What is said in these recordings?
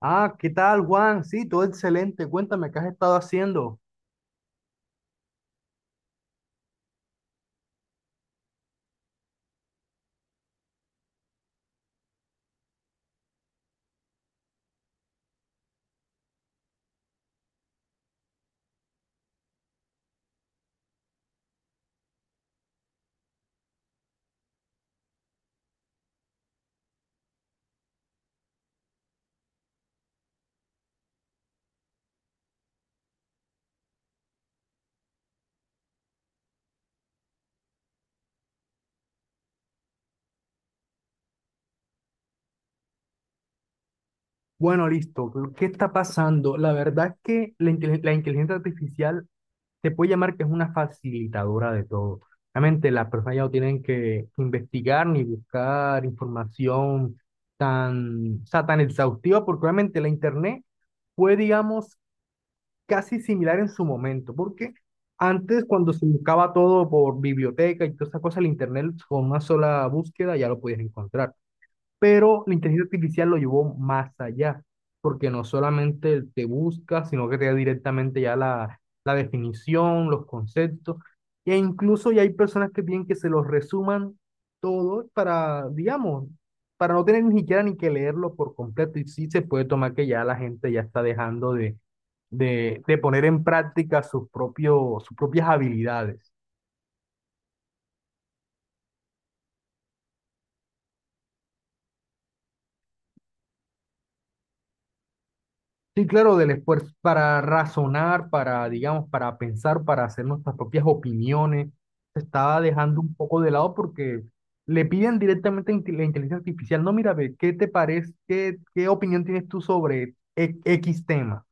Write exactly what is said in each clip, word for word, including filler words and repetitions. Ah, ¿qué tal, Juan? Sí, todo excelente. Cuéntame, ¿qué has estado haciendo? Bueno, listo. ¿Qué está pasando? La verdad es que la, intel- la inteligencia artificial se puede llamar que es una facilitadora de todo. Realmente las personas ya no tienen que investigar ni buscar información tan, o sea, tan exhaustiva porque obviamente la internet fue, digamos, casi similar en su momento, porque antes cuando se buscaba todo por biblioteca y todas esas cosas, el internet con una sola búsqueda ya lo podías encontrar. Pero la inteligencia artificial lo llevó más allá, porque no solamente te busca, sino que te da directamente ya la, la definición, los conceptos, e incluso ya hay personas que piden que se los resuman todo para, digamos, para no tener ni siquiera ni que leerlo por completo, y sí se puede tomar que ya la gente ya está dejando de, de, de poner en práctica sus propios, sus propias habilidades. Sí, claro, del esfuerzo para razonar, para, digamos, para pensar, para hacer nuestras propias opiniones, se estaba dejando un poco de lado porque le piden directamente a inte- la inteligencia artificial, no, mira, ve, ¿qué te parece? ¿Qué, qué opinión tienes tú sobre e- X tema?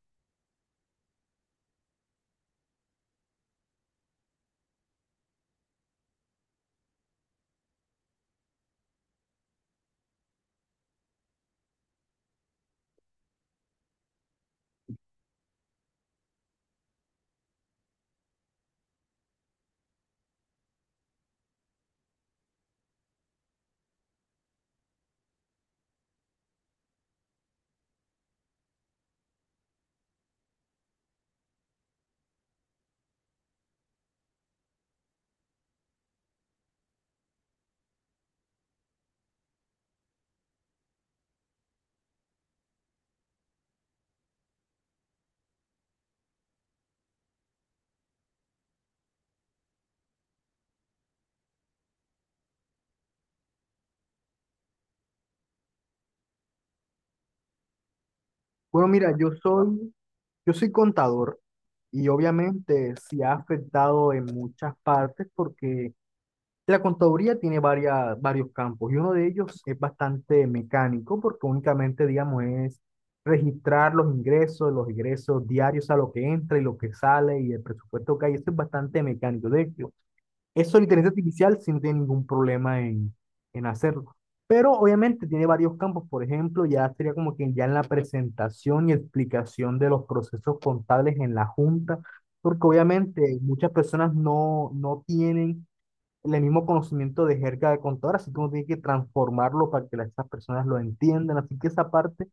Bueno, mira, yo soy, yo soy contador y obviamente sí ha afectado en muchas partes porque la contaduría tiene varias, varios campos y uno de ellos es bastante mecánico porque únicamente, digamos, es registrar los ingresos, los egresos diarios, a lo que entra y lo que sale y el presupuesto que hay. Eso es bastante mecánico. De hecho, eso la inteligencia artificial sí no tiene ningún problema en, en hacerlo. Pero obviamente tiene varios campos. Por ejemplo, ya sería como que ya en la presentación y explicación de los procesos contables en la junta, porque obviamente muchas personas no, no tienen el mismo conocimiento de jerga de contador, así como tiene que transformarlo para que las, esas personas lo entiendan. Así que esa parte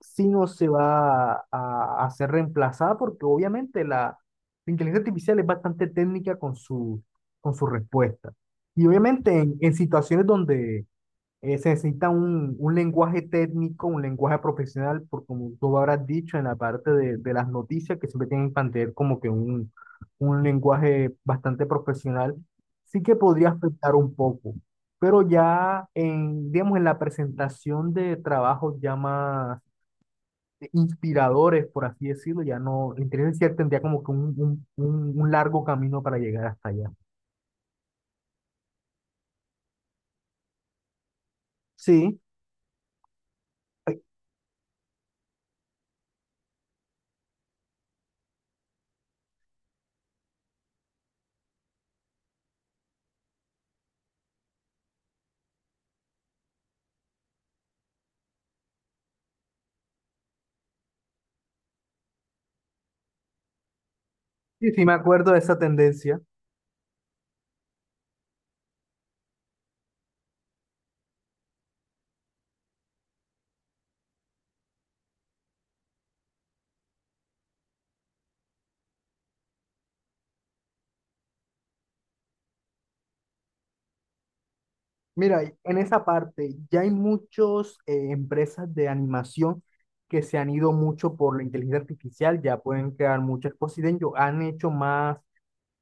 sí no se va a, a, a ser reemplazada porque obviamente la, la inteligencia artificial es bastante técnica con su, con su respuesta. Y obviamente en, en situaciones donde eh, se necesita un, un lenguaje técnico, un lenguaje profesional, por como tú habrás dicho en la parte de, de las noticias, que siempre tienen que mantener como que un, un lenguaje bastante profesional, sí que podría afectar un poco, pero ya en, digamos, en la presentación de trabajos ya más inspiradores, por así decirlo, ya no, la inteligencia artificial tendría como que un, un, un un largo camino para llegar hasta allá. Sí, sí, sí me acuerdo de esa tendencia. Mira, en esa parte ya hay muchas empresas de animación que se han ido mucho por la inteligencia artificial, ya pueden crear muchas cosas y de ello han hecho más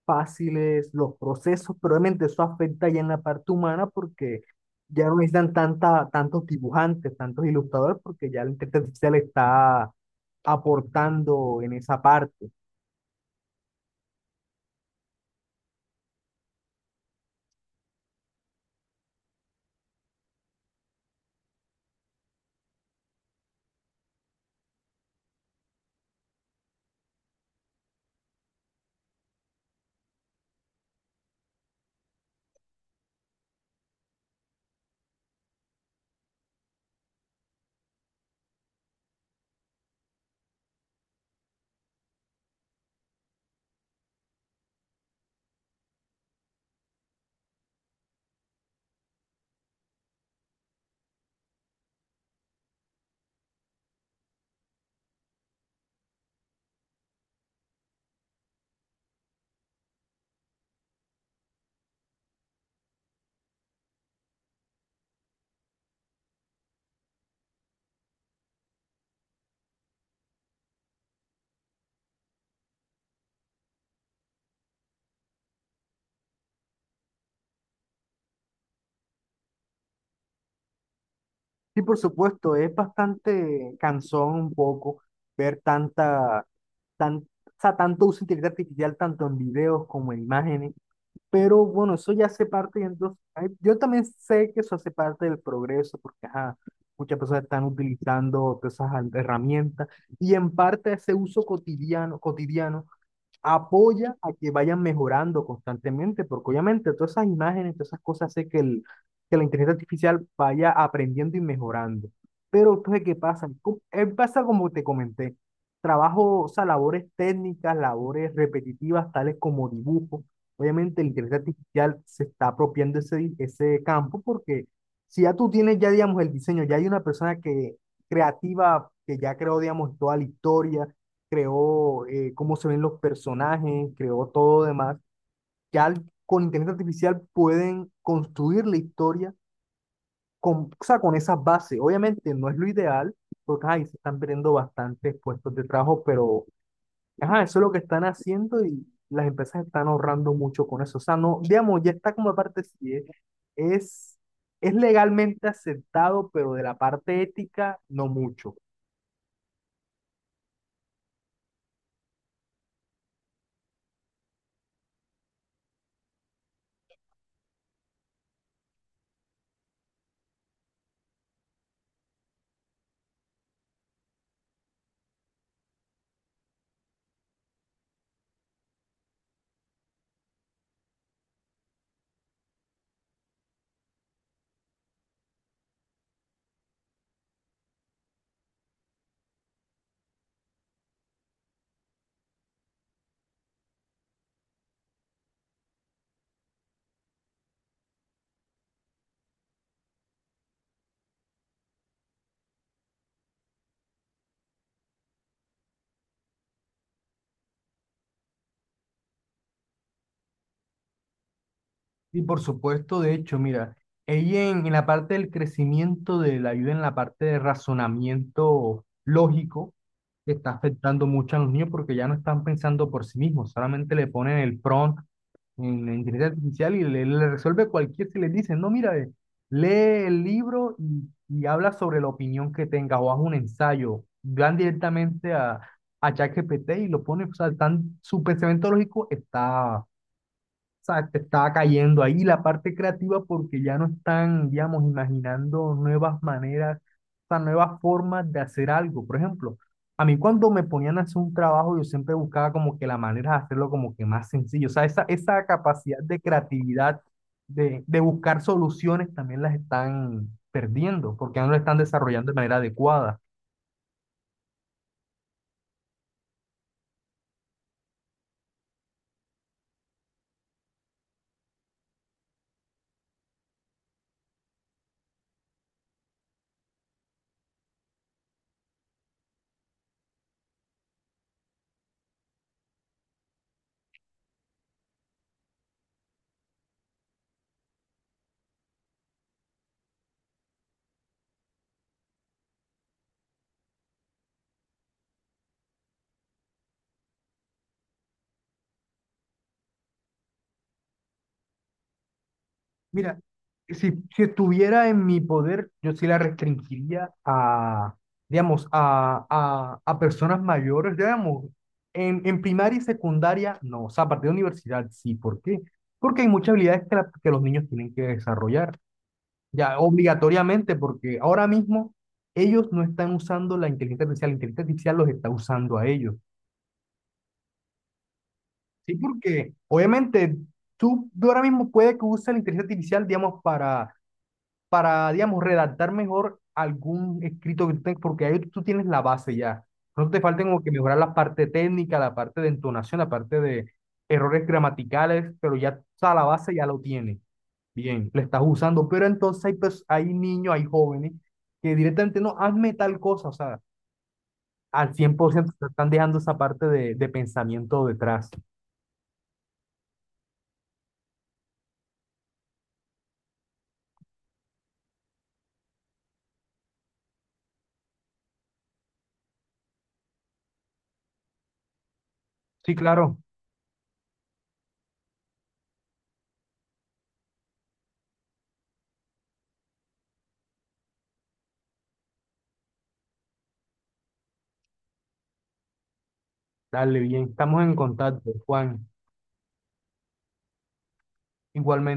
fáciles los procesos, pero obviamente eso afecta ya en la parte humana porque ya no necesitan tanta, tantos dibujantes, tantos ilustradores, porque ya la inteligencia artificial está aportando en esa parte. Sí, por supuesto, es bastante cansón un poco ver tanta tan, o sea, tanto uso de inteligencia artificial tanto en videos como en imágenes, pero bueno, eso ya hace parte, y entonces, ay, yo también sé que eso hace parte del progreso, porque ajá, muchas personas están utilizando todas esas al- herramientas, y en parte ese uso cotidiano, cotidiano apoya a que vayan mejorando constantemente, porque obviamente todas esas imágenes, todas esas cosas hace que, el, que la inteligencia artificial vaya aprendiendo y mejorando. Pero entonces, ¿qué pasa? Co- eh, Pasa como te comenté, trabajo, o sea, labores técnicas, labores repetitivas, tales como dibujo. Obviamente la inteligencia artificial se está apropiando ese, di- ese campo porque si ya tú tienes ya, digamos, el diseño, ya hay una persona que creativa que ya creó, digamos, toda la historia, creó eh, cómo se ven los personajes, creó todo demás. Ya al- con inteligencia artificial pueden construir la historia con, o sea, con esas bases. Obviamente no es lo ideal, porque ahí se están perdiendo bastantes puestos de trabajo, pero ajá, eso es lo que están haciendo y las empresas están ahorrando mucho con eso. O sea, no, digamos, ya está como parte si es, es, es legalmente aceptado, pero de la parte ética, no mucho. Y por supuesto, de hecho, mira, ella en, en la parte del crecimiento de la ayuda en la parte de razonamiento lógico, que está afectando mucho a los niños porque ya no están pensando por sí mismos, solamente le ponen el prompt en la inteligencia artificial y le, le resuelve cualquier si le dicen, no, mira, eh, lee el libro y, y habla sobre la opinión que tengas o haz un ensayo, van directamente a, a ChatGPT y lo pone o sea, tan, su pensamiento lógico está o sea, te estaba cayendo ahí la parte creativa porque ya no están, digamos, imaginando nuevas maneras, o sea, nuevas formas de hacer algo. Por ejemplo, a mí cuando me ponían a hacer un trabajo, yo siempre buscaba como que la manera de hacerlo como que más sencillo. O sea, esa, esa capacidad de creatividad, de, de buscar soluciones, también las están perdiendo porque ya no lo están desarrollando de manera adecuada. Mira, si, si estuviera en mi poder, yo sí la restringiría a, digamos, a, a, a personas mayores, digamos, en, en primaria y secundaria, no, o sea, a partir de universidad, sí, ¿por qué? Porque hay muchas habilidades que, la- que los niños tienen que desarrollar, ya obligatoriamente, porque ahora mismo ellos no están usando la inteligencia artificial, la inteligencia artificial los está usando a ellos, ¿sí? Porque obviamente tú, tú ahora mismo puede que uses la inteligencia artificial, digamos, para para, digamos, redactar mejor algún escrito que tú tengas, porque ahí tú tienes la base ya. No te falta como que mejorar la parte técnica, la parte de entonación, la parte de errores gramaticales, pero ya o sea, la base ya lo tienes. Bien, le estás usando, pero entonces hay, pers- hay niños, hay jóvenes que directamente no, hazme tal cosa, o sea, al cien por ciento te están dejando esa parte de, de pensamiento detrás. Sí, claro, dale bien, estamos en contacto, Juan. Igualmente.